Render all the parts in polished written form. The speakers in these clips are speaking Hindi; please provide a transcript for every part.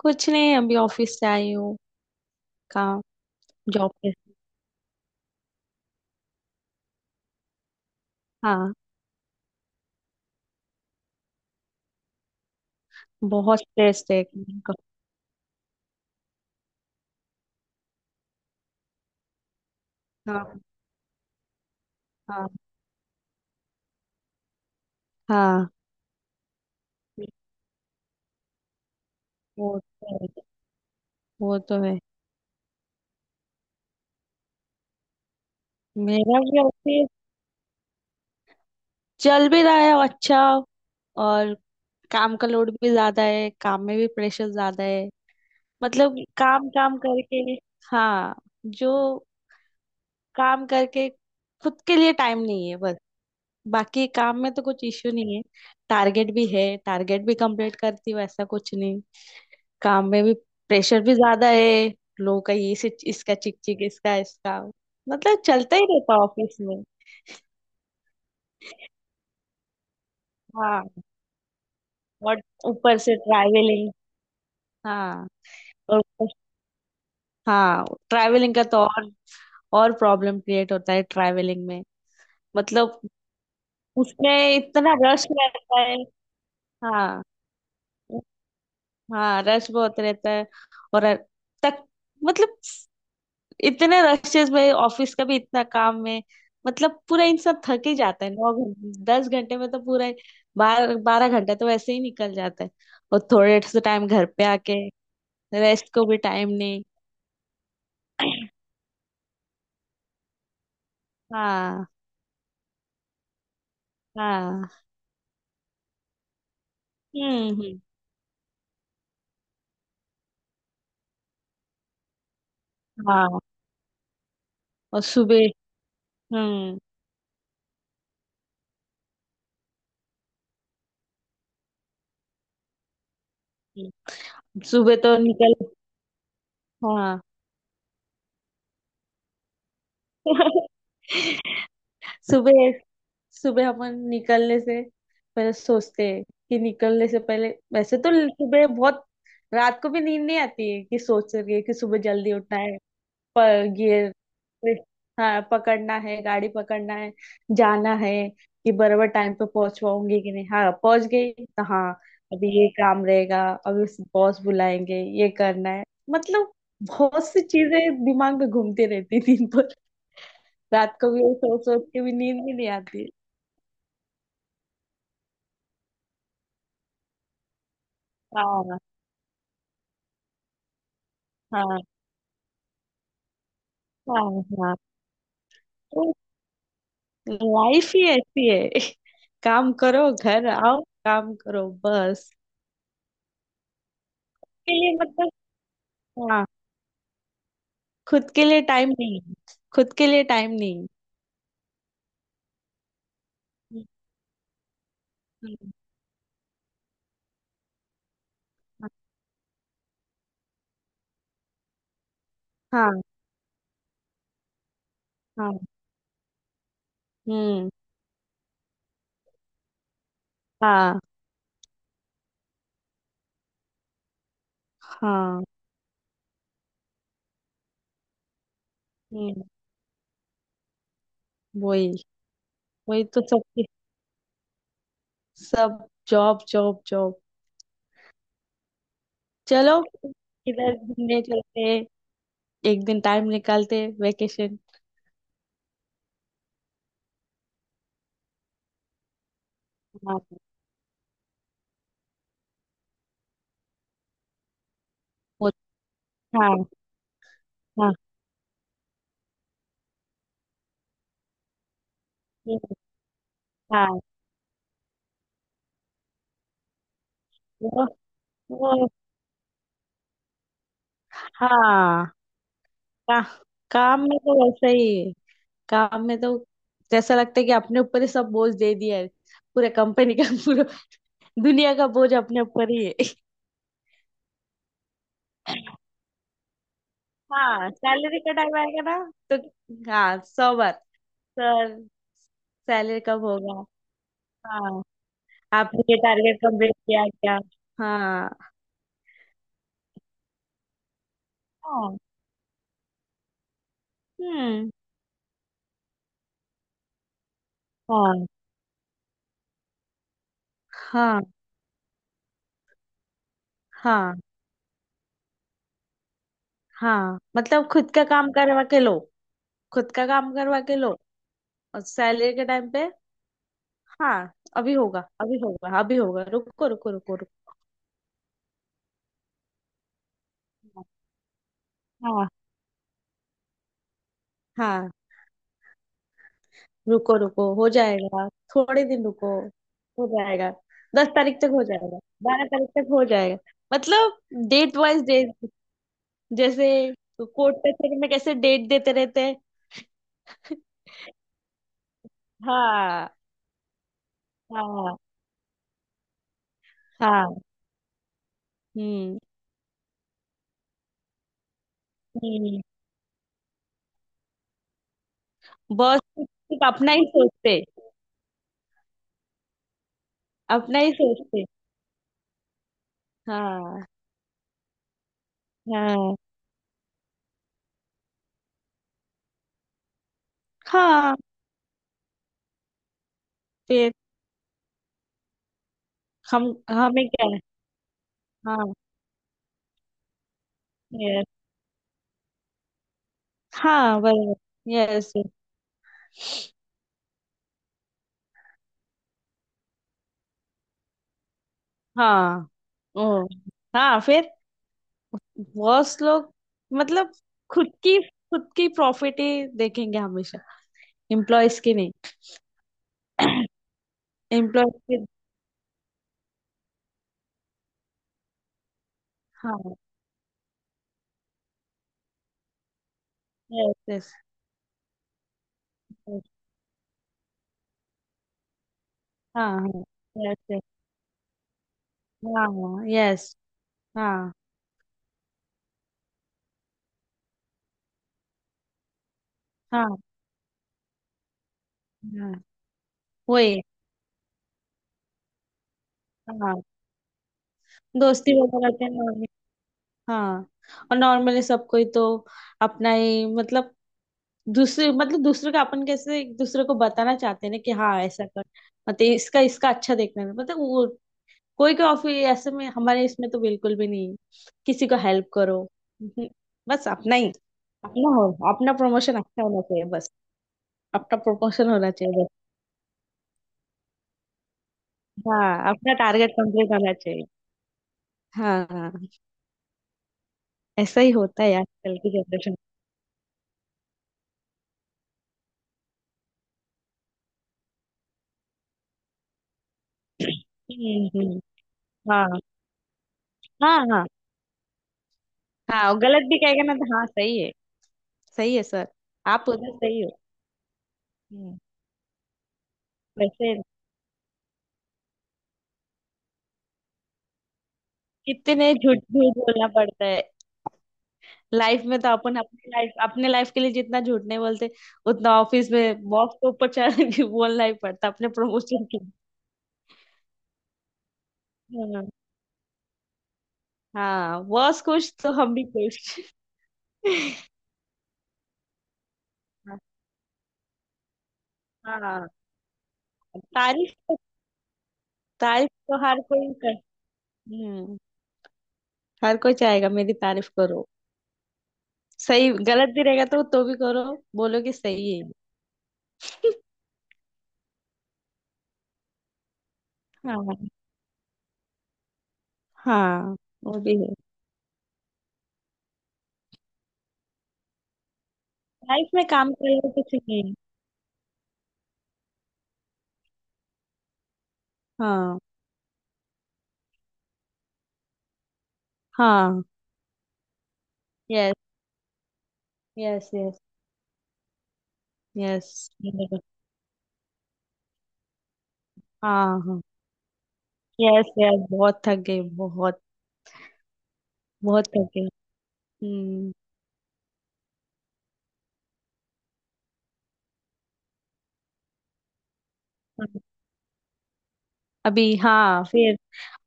कुछ नहीं, अभी ऑफिस से आई हूँ। काम। जॉब पे। हाँ। बहुत स्ट्रेस है काम का। हाँ। हाँ। हाँ। वो तो है। वो तो है। मेरा भी ऑफिस चल भी रहा है अच्छा, और काम का लोड भी ज्यादा है, काम में भी प्रेशर ज्यादा है। मतलब काम काम करके। हाँ। जो काम करके खुद के लिए टाइम नहीं है बस। बाकी काम में तो कुछ इश्यू नहीं है। टारगेट भी है, टारगेट भी कंप्लीट करती हूँ, ऐसा कुछ नहीं। काम में भी प्रेशर भी ज्यादा है। लोगों का ये से इसका चिक चिक इसका इसका, मतलब चलता ही रहता ऑफिस में। हाँ। और ऊपर से ट्रैवलिंग। हाँ। और ऊपर- हाँ। ट्रैवलिंग का तो और प्रॉब्लम क्रिएट होता है ट्रैवलिंग में। मतलब उसमें इतना रश रहता है। हाँ। हाँ रश बहुत रहता है। और तक मतलब, इतने रशेस में ऑफिस का भी इतना काम में, मतलब पूरा इंसान थक ही जाता है, 9 घंटे 10 घंटे में तो पूरा, 12-12 घंटा तो वैसे ही निकल जाता है। और थोड़े से टाइम घर पे आके रेस्ट को भी टाइम नहीं। हाँ। हाँ। हम्म। हम्म। हाँ। और सुबह। हम्म। हम्म। सुबह तो निकल। हाँ। सुबह सुबह अपन निकलने से पहले सोचते हैं कि निकलने से पहले, वैसे तो सुबह बहुत, रात को भी नींद नहीं आती है कि सोच रही है कि सुबह जल्दी उठना है। पर ये, हाँ, पकड़ना है, गाड़ी पकड़ना है, जाना है, कि बराबर टाइम पे पहुंच पाऊंगी कि नहीं। हाँ पहुंच गई तो हाँ। अभी ये काम रहेगा, अभी बॉस बुलाएंगे ये करना है, मतलब बहुत सी चीजें दिमाग में घूमती रहती दिन भर। रात को भी यही सोच सोच के भी नींद भी नहीं आती। हाँ। हाँ। हाँ। हाँ। तो लाइफ ही ऐसी है। काम करो घर आओ, काम करो बस। के लिए मतलब। हाँ, खुद के लिए टाइम नहीं, खुद के लिए टाइम नहीं। हम्म। हम्म। हाँ। हाँ। हम्म। हाँ। हाँ। हम्म। वही, वही तो सबके। सब जॉब जॉब जॉब। चलो, इधर घूमने चलते हैं, एक दिन टाइम निकालते वेकेशन। हाँ। वो- हाँ। हाँ। हम्म। हाँ। वो- वो। हाँ। का, काम में तो वैसा ही है। काम में तो जैसा लगता है कि अपने ऊपर ही सब बोझ दे दिया है, पूरे कंपनी का, पूरा दुनिया का बोझ अपने ऊपर ही है। हाँ, सैलरी का टाइम आएगा ना, तो हाँ 100 बार, सर सैलरी कब होगा। हाँ, आपने ये टारगेट कंप्लीट किया क्या। हाँ। हाँ। हम्म। हाँ। हाँ। हाँ। हाँ, मतलब खुद का काम करवा के लो, खुद का काम करवा के लो। और सैलरी के टाइम पे, हाँ अभी होगा, अभी होगा, अभी होगा, रुको रुको रुको रुको। हाँ। हाँ, रुको रुको, हो जाएगा, थोड़े दिन रुको हो जाएगा, 10 तारीख तक हो जाएगा, 12 तारीख तक हो जाएगा। मतलब डेट वाइज डेट, जैसे कोर्ट कचहरी में कैसे डेट देते रहते हैं। हाँ। हाँ। हाँ। हम्म। हम्म। बॉस सिर्फ अपना ही सोचते, अपना ही सोचते। हाँ। हाँ। हाँ, फिर हम हमें क्या है। हाँ, हाँ, बराबर। यस। हाँ। ओ। हाँ, फिर बॉस लोग मतलब खुद की प्रॉफिट ही देखेंगे हमेशा, एम्प्लॉयज की नहीं। एम्प्लॉयज की। हाँ। यस। यस। हाँ। हाँ। यस। यस। हाँ। यस। हाँ। हाँ। हाँ। वही। हाँ, दोस्ती वगैरह के हाँ, और नॉर्मली सबको ही तो अपना ही, मतलब दूसरे, मतलब दूसरे का, अपन कैसे एक दूसरे को बताना चाहते हैं ना कि हाँ ऐसा कर, मतलब इसका इसका अच्छा देखने में, मतलब वो। कोई कोई ऑफिस ऐसे में, हमारे इसमें तो बिल्कुल भी नहीं है। किसी को हेल्प करो। हम्म। बस अपना ही, अपना हो, अपना प्रमोशन अच्छा होना चाहिए बस, अपना प्रमोशन होना चाहिए बस। हाँ, अपना टारगेट कंप्लीट होना चाहिए। हाँ। हाँ। ऐसा ही होता है आजकल की जनरेशन। हम्म। हम्म। हाँ। हाँ। हाँ। हाँ, और गलत भी कहेगा ना, तो हाँ सही है, सही है सर, आप उधर सही हो। हम्म। वैसे कितने झूठ झूठ बोलना पड़ता है। लाइफ में तो अपन अपने लाइफ के लिए जितना झूठ नहीं बोलते, उतना ऑफिस में बॉस के ऊपर चढ़ के बोलना ही पड़ता अपने प्रमोशन के लिए। हाँ। हाँ, बॉस खुश तो हम भी खुश। हाँ, तारीफ, तारीफ तो हर कोई कर। हम्म। हर कोई चाहेगा मेरी तारीफ करो। सही गलत भी रहेगा तो भी करो, बोलो कि सही है। हाँ। हाँ, वो भी है। लाइफ में काम करना कुछ नहीं है। हाँ। हाँ। यस। यस। यस। यस। हाँ। हाँ। यस। यस। बहुत थक गई, बहुत बहुत थक गई। हम्म। अभी हाँ, फिर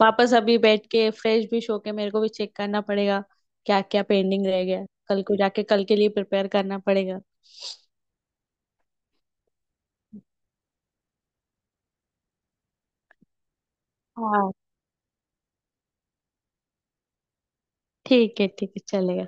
वापस अभी बैठ के फ्रेश भी होके मेरे को भी चेक करना पड़ेगा, क्या क्या पेंडिंग रह गया, कल को जाके कल के लिए प्रिपेयर करना पड़ेगा। हाँ, ठीक है, ठीक है चलेगा।